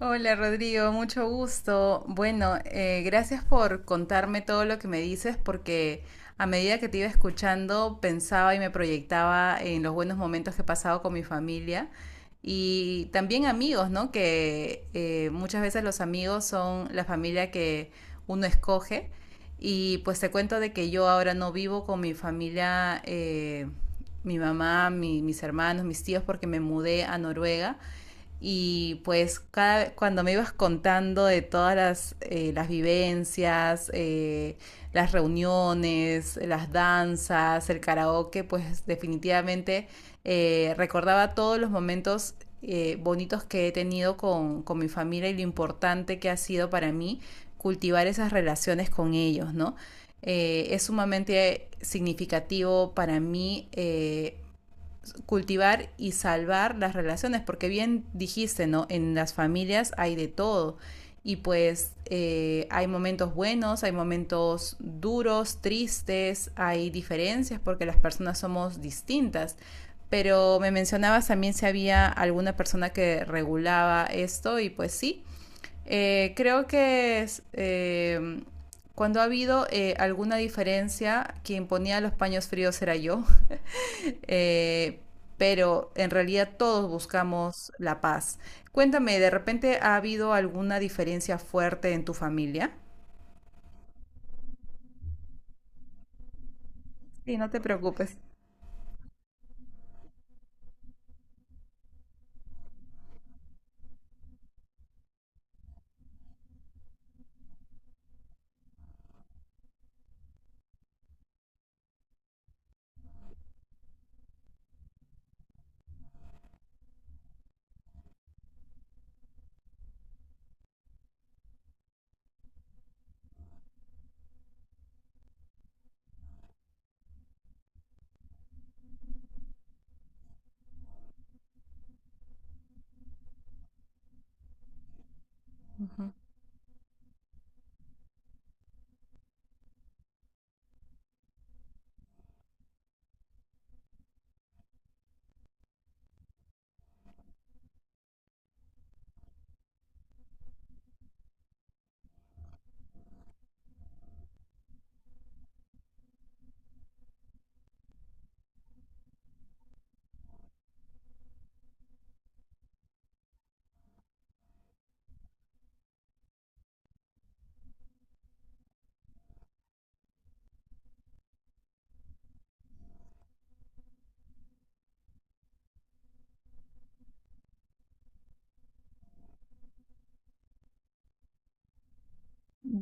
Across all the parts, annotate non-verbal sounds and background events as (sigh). Hola Rodrigo, mucho gusto. Bueno, gracias por contarme todo lo que me dices porque a medida que te iba escuchando pensaba y me proyectaba en los buenos momentos que he pasado con mi familia y también amigos, ¿no? Que muchas veces los amigos son la familia que uno escoge y pues te cuento de que yo ahora no vivo con mi familia, mi mamá, mis hermanos, mis tíos porque me mudé a Noruega. Y pues cada, cuando me ibas contando de todas las vivencias, las reuniones, las danzas, el karaoke, pues definitivamente recordaba todos los momentos bonitos que he tenido con mi familia y lo importante que ha sido para mí cultivar esas relaciones con ellos, ¿no? Es sumamente significativo para mí cultivar y salvar las relaciones, porque bien dijiste, ¿no? En las familias hay de todo. Y pues hay momentos buenos, hay momentos duros, tristes, hay diferencias porque las personas somos distintas. Pero me mencionabas también si había alguna persona que regulaba esto y pues sí, creo que es, cuando ha habido alguna diferencia, quien ponía los paños fríos era yo. (laughs) Eh, pero en realidad todos buscamos la paz. Cuéntame, ¿de repente ha habido alguna diferencia fuerte en tu familia? Sí, no te preocupes. Ujú.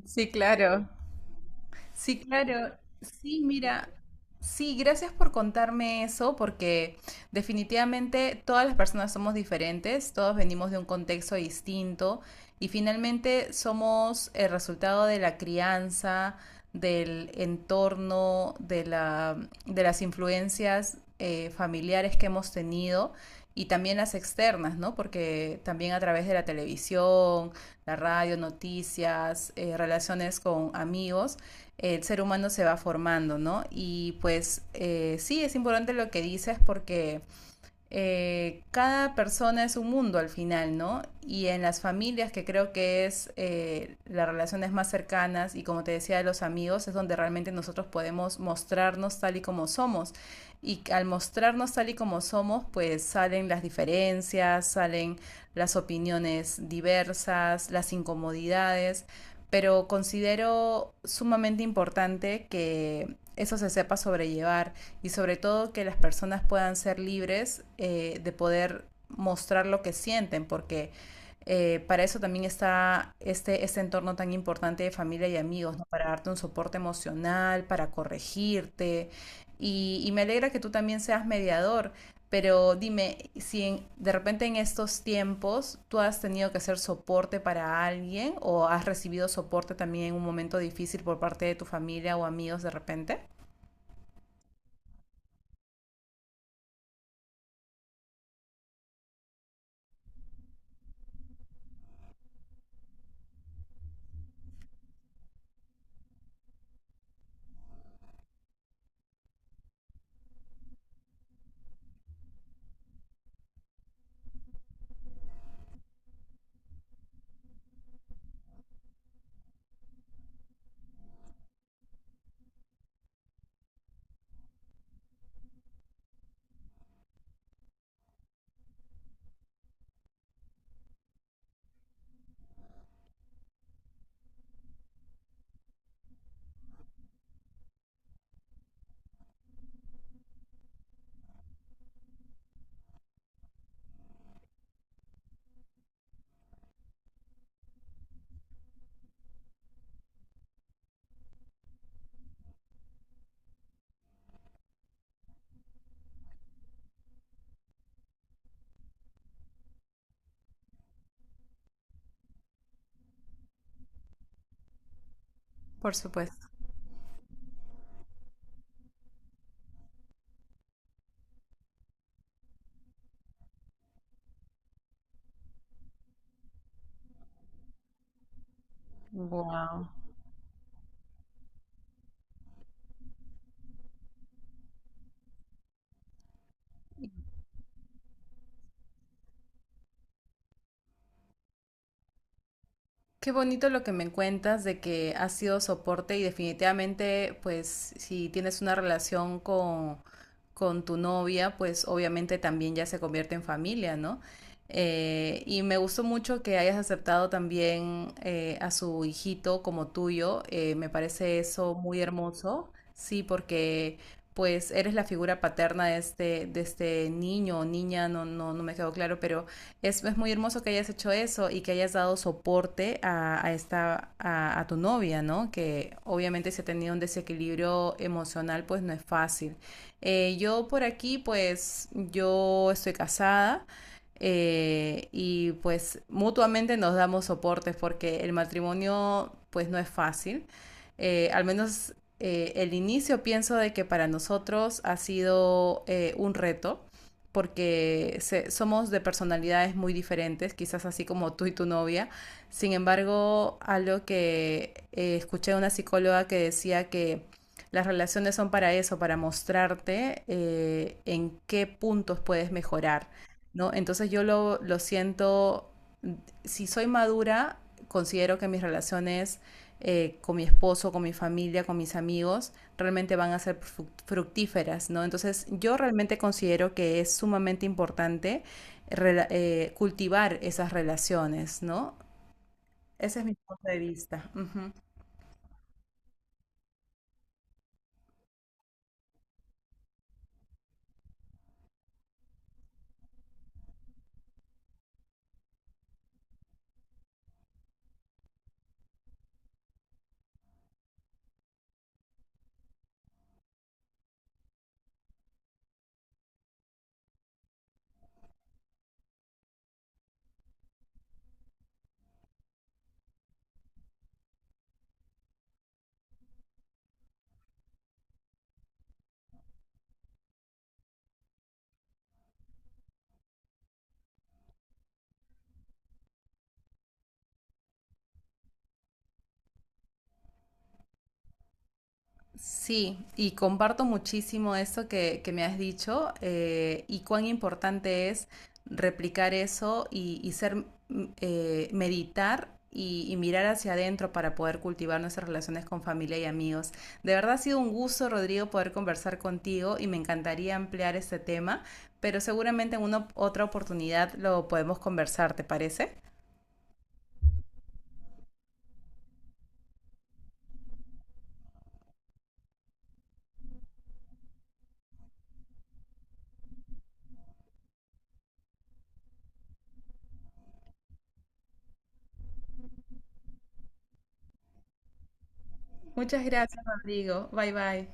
Sí, claro. Sí, claro. Sí, mira. Sí, gracias por contarme eso, porque definitivamente todas las personas somos diferentes, todos venimos de un contexto distinto y finalmente somos el resultado de la crianza, del entorno, de la, de las influencias familiares que hemos tenido y también las externas, ¿no? Porque también a través de la televisión, la radio, noticias, relaciones con amigos, el ser humano se va formando, ¿no? Y pues sí, es importante lo que dices porque cada persona es un mundo al final, ¿no? Y en las familias, que creo que es las relaciones más cercanas y como te decía, de los amigos, es donde realmente nosotros podemos mostrarnos tal y como somos. Y al mostrarnos tal y como somos, pues salen las diferencias, salen las opiniones diversas, las incomodidades, pero considero sumamente importante que eso se sepa sobrellevar y sobre todo que las personas puedan ser libres de poder mostrar lo que sienten, porque para eso también está este, este entorno tan importante de familia y amigos, ¿no? Para darte un soporte emocional, para corregirte. Y me alegra que tú también seas mediador, pero dime, si en- de repente en estos tiempos tú has tenido que hacer soporte para alguien o has recibido soporte también en un momento difícil por parte de tu familia o amigos de repente. Por supuesto. Wow. Qué bonito lo que me cuentas de que has sido soporte y definitivamente, pues, si tienes una relación con tu novia, pues obviamente también ya se convierte en familia, ¿no? Y me gustó mucho que hayas aceptado también a su hijito como tuyo. Me parece eso muy hermoso, sí, porque pues eres la figura paterna de este niño o niña, no, no, no me quedó claro, pero es, muy hermoso que hayas hecho eso y que hayas dado soporte a esta, a, tu novia, ¿no? Que obviamente si ha tenido un desequilibrio emocional, pues no es fácil. Yo por aquí, pues yo estoy casada. Y pues mutuamente nos damos soportes porque el matrimonio pues no es fácil. Al menos el inicio pienso de que para nosotros ha sido un reto porque se, somos de personalidades muy diferentes, quizás así como tú y tu novia. Sin embargo, algo que escuché de una psicóloga que decía que las relaciones son para eso, para mostrarte en qué puntos puedes mejorar, ¿no? Entonces yo lo siento, si soy madura, considero que mis relaciones con mi esposo, con mi familia, con mis amigos, realmente van a ser fructíferas, ¿no? Entonces, yo realmente considero que es sumamente importante cultivar esas relaciones, ¿no? Ese es mi punto de vista. Ujú. Sí, y comparto muchísimo eso que me has dicho y cuán importante es replicar eso y ser, meditar y mirar hacia adentro para poder cultivar nuestras relaciones con familia y amigos. De verdad ha sido un gusto, Rodrigo, poder conversar contigo y me encantaría ampliar este tema, pero seguramente en una otra oportunidad lo podemos conversar, ¿te parece? Muchas gracias, Rodrigo. Bye bye.